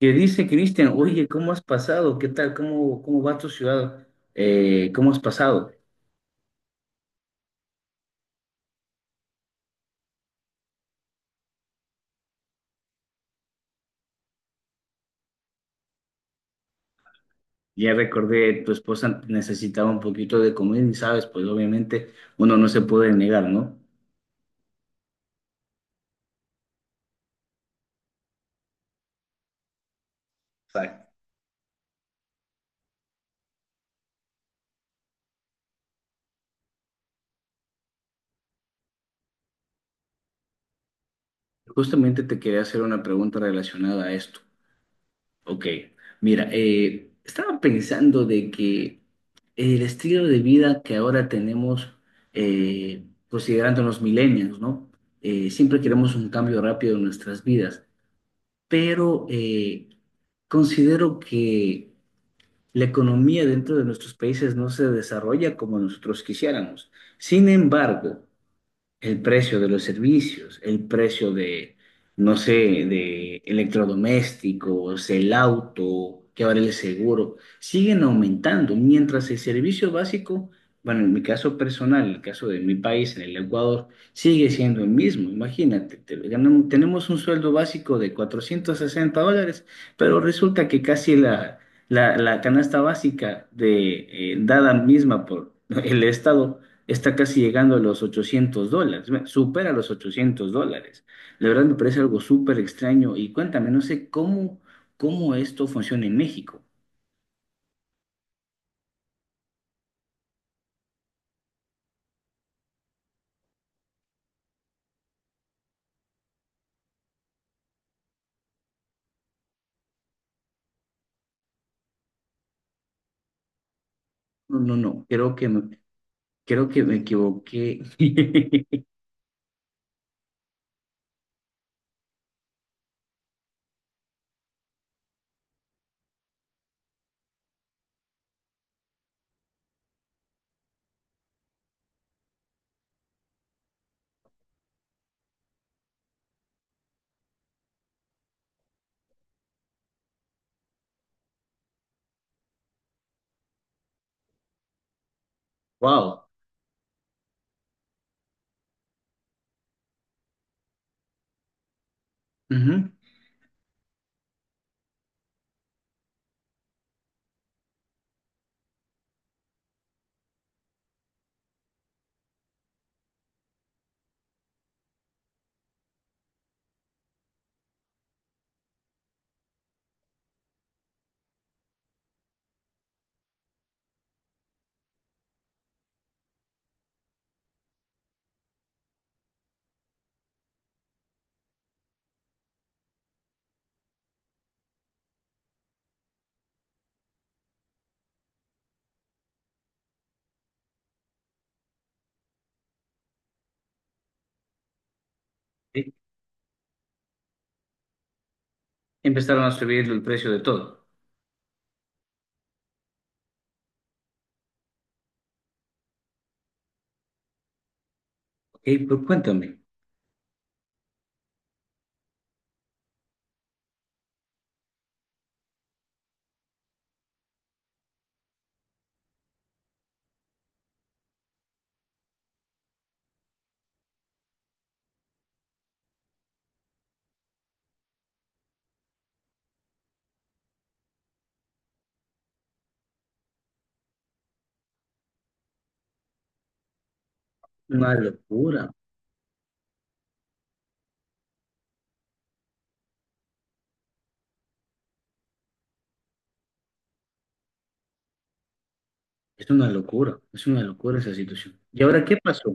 Que dice, Cristian? Oye, ¿cómo has pasado? ¿Qué tal? ¿Cómo, cómo va tu ciudad? ¿Cómo has pasado? Ya recordé, tu esposa necesitaba un poquito de comida y sabes, pues obviamente uno no se puede negar, ¿no? Exacto. Justamente te quería hacer una pregunta relacionada a esto. Ok, mira, estaba pensando de que el estilo de vida que ahora tenemos, considerando los millennials, ¿no? Siempre queremos un cambio rápido en nuestras vidas, pero considero que la economía dentro de nuestros países no se desarrolla como nosotros quisiéramos. Sin embargo, el precio de los servicios, el precio de, no sé, de electrodomésticos, el auto, que vale el seguro, siguen aumentando, mientras el servicio básico, bueno, en mi caso personal, en el caso de mi país, en el Ecuador, sigue siendo el mismo. Imagínate, tenemos un sueldo básico de 460 dólares, pero resulta que casi la canasta básica de, dada misma por el Estado, está casi llegando a los 800 dólares, bueno, supera los 800 dólares. La verdad me parece algo súper extraño y cuéntame, no sé cómo, cómo esto funciona en México. No, no, no, creo que me equivoqué. Wow. Ujú. Sí, empezaron a subir el precio de todo. Ok, pero cuéntame, una locura, es una locura, es una locura esa situación. ¿Y ahora qué pasó?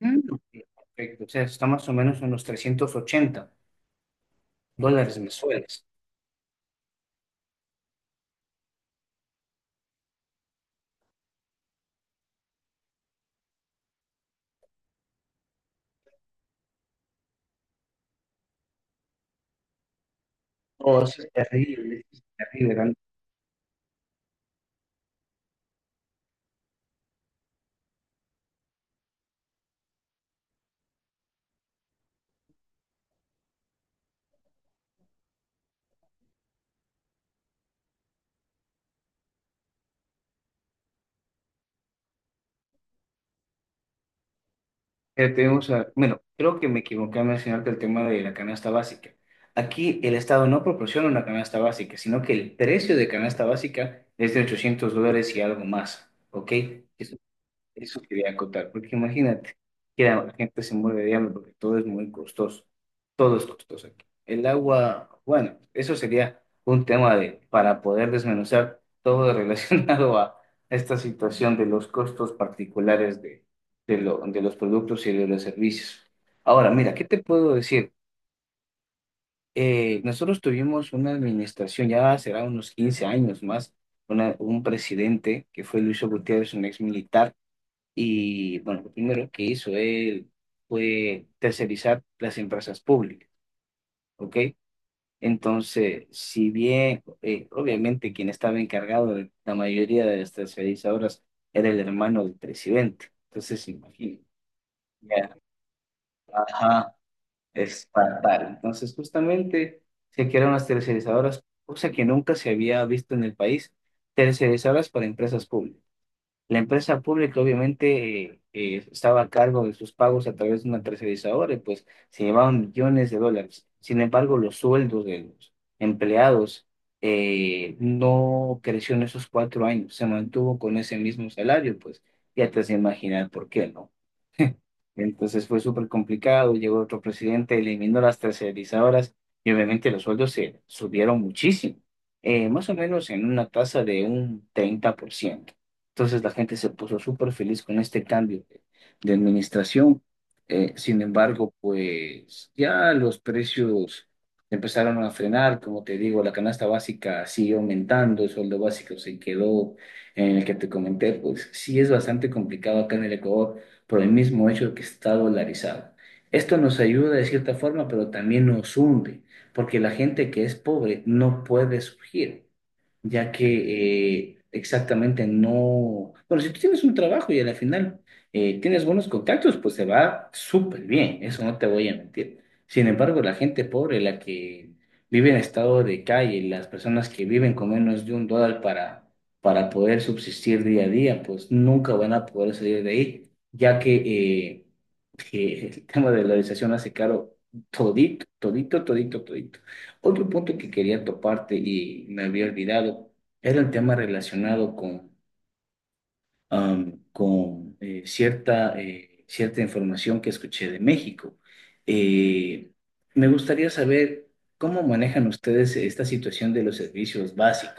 Mm, ok, perfecto, o sea, está más o menos en los 380 dólares mensuales. Oh, eso es terrible, eso es terrible, ¿verdad? Bueno, creo que me equivoqué al mencionarte el tema de la canasta básica. Aquí el Estado no proporciona una canasta básica, sino que el precio de canasta básica es de 800 dólares y algo más, ¿ok? Eso quería acotar, porque imagínate que la gente se muere de hambre porque todo es muy costoso. Todo es costoso aquí. El agua, bueno, eso sería un tema de, para poder desmenuzar todo relacionado a esta situación de los costos particulares de, de los productos y de los servicios. Ahora, mira, ¿qué te puedo decir? Nosotros tuvimos una administración, ya será unos 15 años más, un presidente que fue Luis Gutiérrez, un ex militar, y bueno, lo primero que hizo él fue tercerizar las empresas públicas, ¿ok? Entonces, si bien obviamente quien estaba encargado de la mayoría de las tercerizadoras era el hermano del presidente, entonces imagínate, ya, ajá, es fatal. Entonces, justamente se crearon las tercerizadoras, cosa que nunca se había visto en el país, tercerizadoras para empresas públicas. La empresa pública obviamente estaba a cargo de sus pagos a través de una tercerizadora y pues se llevaban millones de dólares. Sin embargo, los sueldos de los empleados no creció en esos 4 años, se mantuvo con ese mismo salario, pues ya te has de imaginar por qué, ¿no? Entonces fue súper complicado, llegó otro presidente, eliminó las tercerizadoras y obviamente los sueldos se subieron muchísimo, más o menos en una tasa de un 30%. Entonces la gente se puso súper feliz con este cambio de administración. Sin embargo, pues ya los precios empezaron a frenar, como te digo, la canasta básica siguió aumentando, el sueldo básico se quedó en el que te comenté, pues sí es bastante complicado acá en el Ecuador por el mismo hecho de que está dolarizado. Esto nos ayuda de cierta forma, pero también nos hunde, porque la gente que es pobre no puede surgir, ya que exactamente no... Bueno, si tú tienes un trabajo y a la final tienes buenos contactos, pues se va súper bien, eso no te voy a mentir. Sin embargo, la gente pobre, la que vive en estado de calle, las personas que viven con menos de un dólar para poder subsistir día a día, pues nunca van a poder salir de ahí ya eh, que el tema de la dolarización hace caro todito, todito, todito, todito. Otro punto que quería toparte y me había olvidado era el tema relacionado con, con cierta información que escuché de México. Eh, Me gustaría saber cómo manejan ustedes esta situación de los servicios básicos,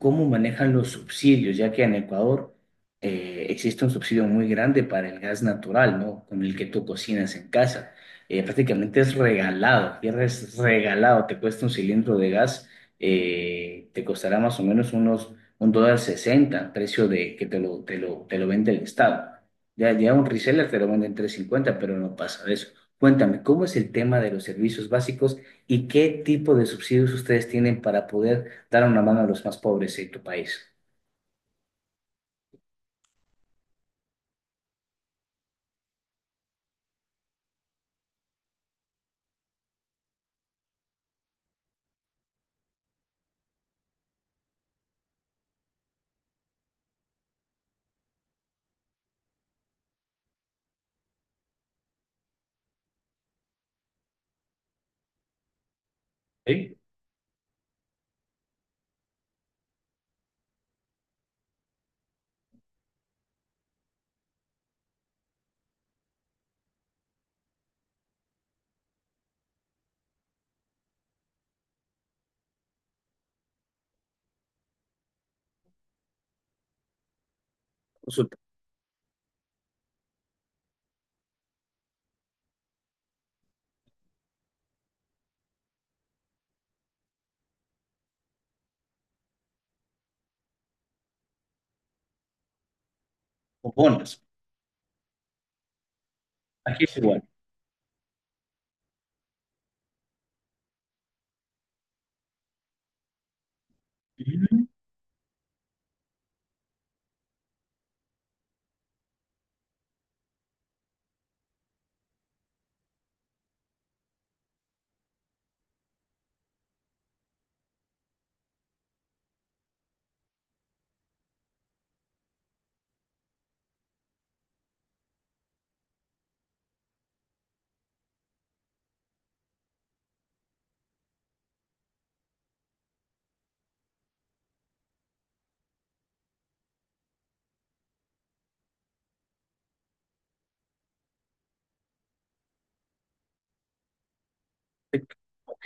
cómo manejan los subsidios, ya que en Ecuador existe un subsidio muy grande para el gas natural, ¿no? Con el que tú cocinas en casa. Prácticamente es regalado, aquí es regalado, te cuesta un cilindro de gas, te costará más o menos unos un dólar sesenta, precio de que te lo vende el Estado. Ya, ya un reseller te lo vende en tres cincuenta, pero no pasa de eso. Cuéntame, ¿cómo es el tema de los servicios básicos y qué tipo de subsidios ustedes tienen para poder dar una mano a los más pobres de tu país? ¿Ok? Consulta. O bonos. Aquí es igual. Ujú. Ok.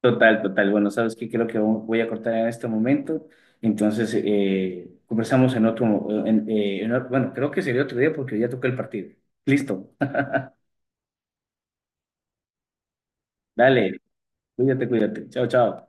Total, total. Bueno, ¿sabes qué? Creo que voy a cortar en este momento. Entonces, conversamos en otro, en otro... Bueno, creo que sería otro día porque ya tocó el partido. Listo. Dale, cuídate, cuídate. Chao, chao.